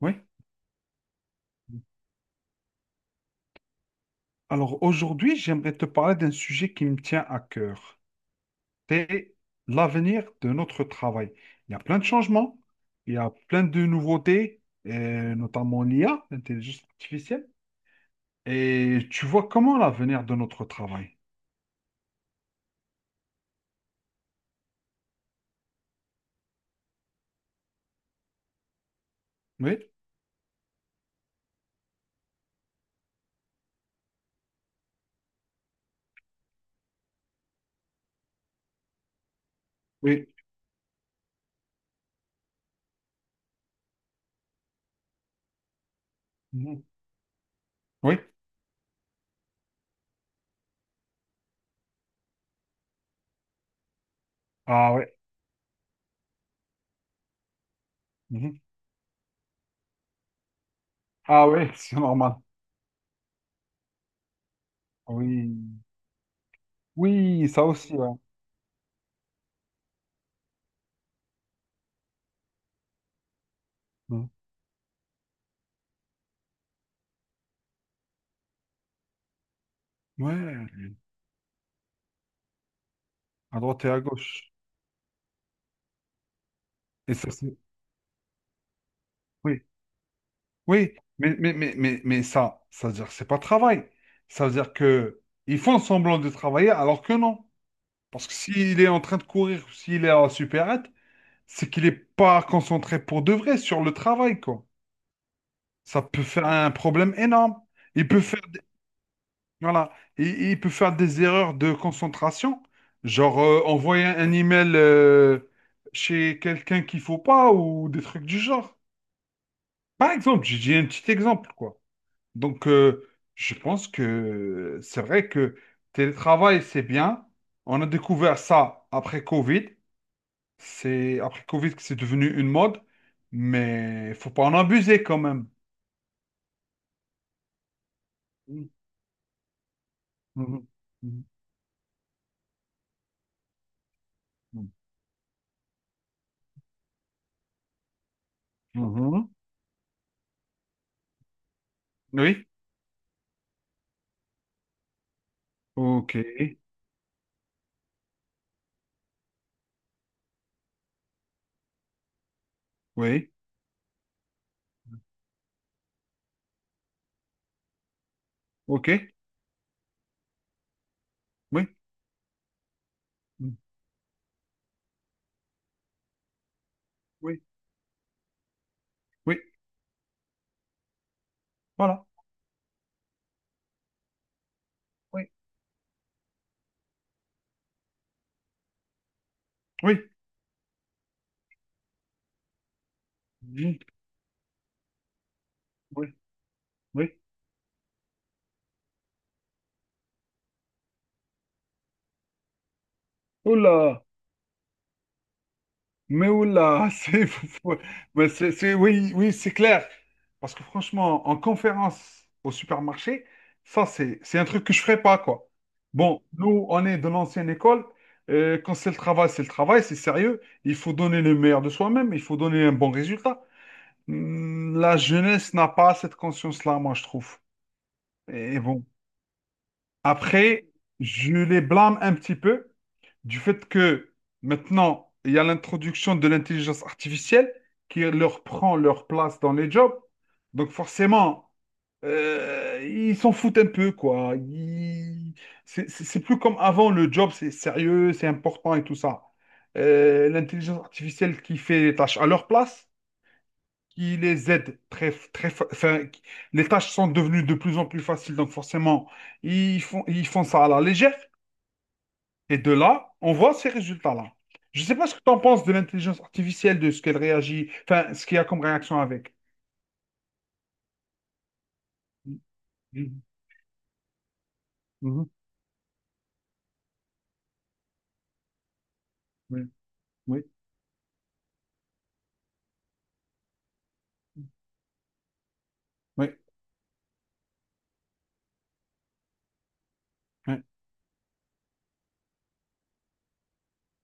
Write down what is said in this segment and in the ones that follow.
Oui. Alors aujourd'hui, j'aimerais te parler d'un sujet qui me tient à cœur. C'est l'avenir de notre travail. Il y a plein de changements, il y a plein de nouveautés, et notamment l'IA, l'intelligence artificielle. Et tu vois comment l'avenir de notre travail? Oui, oui, mhm, oui. Ah ouais, mhm. Ah ouais, c'est normal. Oui, oui, ça aussi, ouais. Mhm. Ouais, à droite et à gauche. Et ça, c'est... Oui. Oui, mais ça, ça veut dire que c'est pas travail. Ça veut dire que ils font semblant de travailler alors que non. Parce que s'il est en train de courir, s'il est à la supérette, c'est qu'il n'est pas concentré pour de vrai sur le travail, quoi. Ça peut faire un problème énorme. Il peut faire des, voilà, il peut faire des erreurs de concentration, genre envoyer un email chez quelqu'un qu'il faut pas ou des trucs du genre. Par exemple, j'ai dit un petit exemple, quoi. Donc, je pense que c'est vrai que télétravail, c'est bien. On a découvert ça après Covid. C'est après Covid que c'est devenu une mode, mais il faut pas en abuser quand même. Mhm. Mhm. Mhm. Mhm. Oui, ok, oui, ok, oui, mhm, oui, oui, voilà, oui, oui, mhm, oui, oui. Oula! Mais oula, c'est, mais c'est, oui, oui, c'est clair. Parce que franchement, en conférence au supermarché, ça, c'est un truc que je ferais pas, quoi. Bon, nous, on est de l'ancienne école. Quand c'est le travail, c'est le travail, c'est sérieux. Il faut donner le meilleur de soi-même, il faut donner un bon résultat. Hmm, la jeunesse n'a pas cette conscience-là, moi, je trouve. Et bon. Après, je les blâme un petit peu du fait que maintenant, il y a l'introduction de l'intelligence artificielle qui leur prend leur place dans les jobs. Donc forcément, ils s'en foutent un peu, quoi. Ils- c'est plus comme avant, le job, c'est sérieux, c'est important et tout ça. L'intelligence artificielle qui fait les tâches à leur place, qui les aide très, très, les tâches sont devenues de plus en plus faciles, donc forcément, ils font ça à la légère. Et de là, on voit ces résultats-là. Je ne sais pas ce que tu en penses de l'intelligence artificielle, de ce qu'elle réagit, enfin, ce qu'il y a comme réaction avec. Mhm. Mhm. Oui, oui, oui, oui,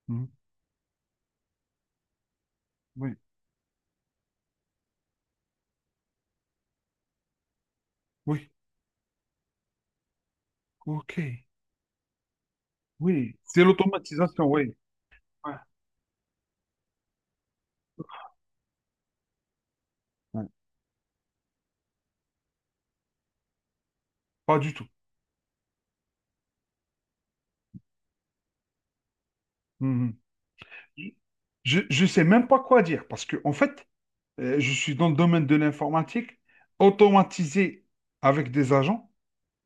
mhm, oui, oui, ok, oui. C'est l'automatisation, oui. Ouais. Ouais. Pas du tout. Mhm. Je ne sais même pas quoi dire parce que, en fait, je suis dans le domaine de l'informatique, automatisé avec des agents,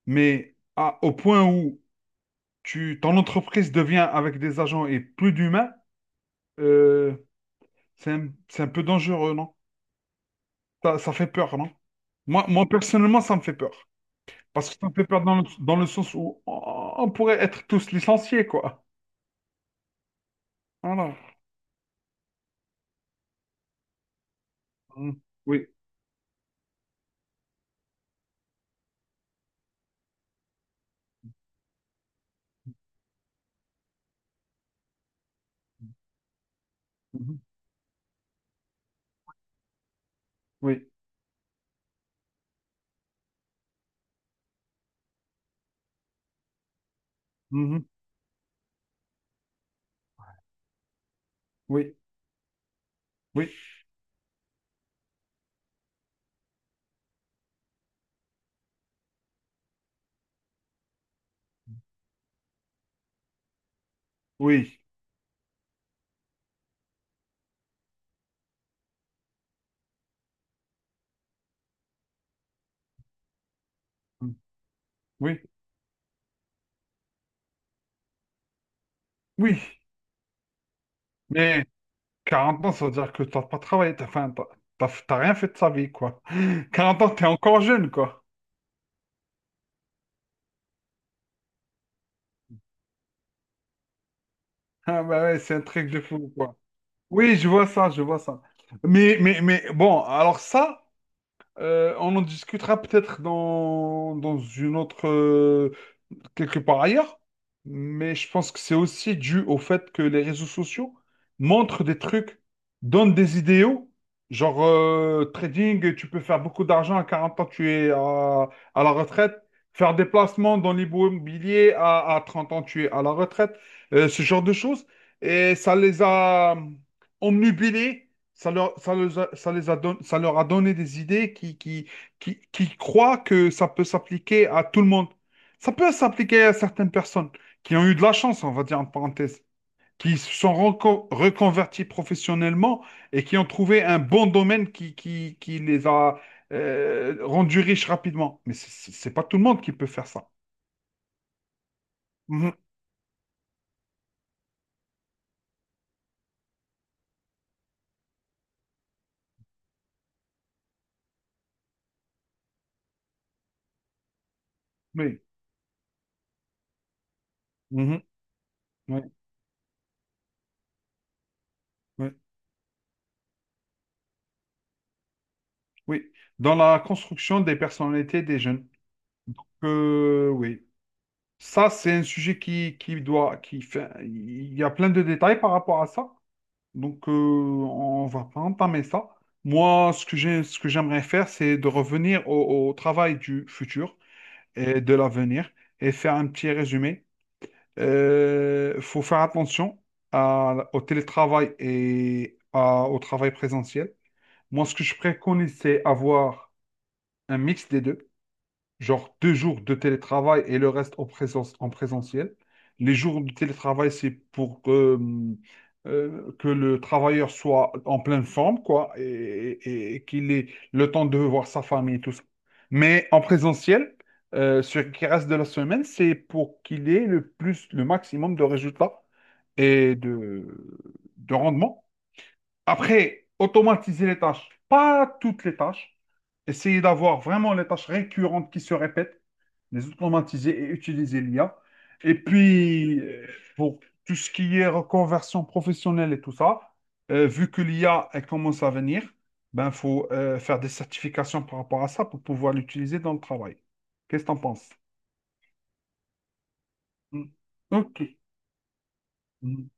mais au point où tu, ton entreprise devient avec des agents et plus d'humains, euh, c'est un peu dangereux, non? Ça fait peur, non? Moi, personnellement, ça me fait peur. Parce que ça me fait peur dans le sens où on pourrait être tous licenciés, quoi. Voilà. Mm. Oui. Mhm. Oui. Mhm. Oui. Oui. Oui. Mm. Oui. Oui. Mais 40 ans, ça veut dire que t'as pas travaillé, t'as enfin, t'as rien fait de sa vie, quoi. 40 ans, t'es encore jeune, quoi. Ah bah ouais, c'est un truc de fou, quoi. Oui, je vois ça, je vois ça. Mais bon, alors ça, on en discutera peut-être dans, dans une autre quelque part ailleurs, mais je pense que c'est aussi dû au fait que les réseaux sociaux montrent des trucs, donnent des idéaux, genre trading, tu peux faire beaucoup d'argent à 40 ans, tu es à la retraite, faire des placements dans l'immobilier à 30 ans, tu es à la retraite, ce genre de choses, et ça les a omnubilés. Ça leur, ça les a, ça leur a donné des idées qui croient que ça peut s'appliquer à tout le monde. Ça peut s'appliquer à certaines personnes qui ont eu de la chance, on va dire en parenthèse, qui se sont reconverties professionnellement et qui ont trouvé un bon domaine qui les a rendus riches rapidement. Mais c'est pas tout le monde qui peut faire ça. Mhm. Oui. Mhm. Oui. Oui. Oui. Dans la construction des personnalités des jeunes. Oui. Ça, c'est un sujet qui fait, il y a plein de détails par rapport à ça. Donc, on va pas entamer ça. Moi, ce que j'ai, ce que j'aimerais faire, c'est de revenir au, au travail du futur et de l'avenir et faire un petit résumé. Il faut faire attention au télétravail et au travail présentiel. Moi, ce que je préconise, c'est avoir un mix des deux genre deux jours de télétravail et le reste en présence, en présentiel. Les jours de télétravail, c'est pour que le travailleur soit en pleine forme, quoi, et, et qu'il ait le temps de voir sa famille et tout ça. Mais en présentiel, ce qui reste de la semaine, c'est pour qu'il ait le plus, le maximum de résultats et de rendement. Après, automatiser les tâches, pas toutes les tâches. Essayer d'avoir vraiment les tâches récurrentes qui se répètent, les automatiser et utiliser l'IA. Et puis, pour tout ce qui est reconversion professionnelle et tout ça, vu que l'IA, elle commence à venir, ben, faut faire des certifications par rapport à ça pour pouvoir l'utiliser dans le travail. Qu'est-ce que tu en penses? Mm. OK. Mm.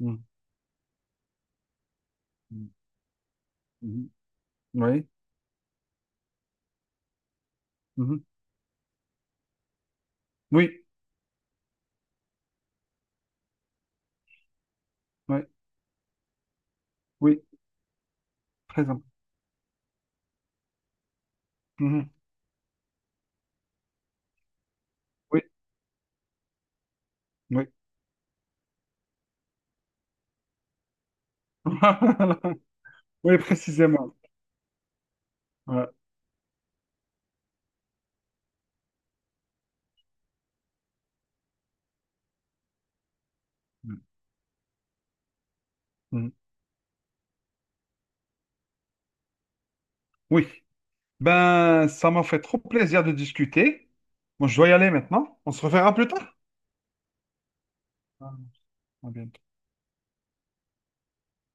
Mm. Mm. Mm. Oui. Mhm. Oui. Oui. Oui. Très important. Mhm. Oui. Oui. Oui, précisément. Ouais. Mm. Mm. Oui. Ben, ça m'a fait trop plaisir de discuter. Moi, je dois y aller maintenant. On se reverra plus tard. Ah, ah, bien.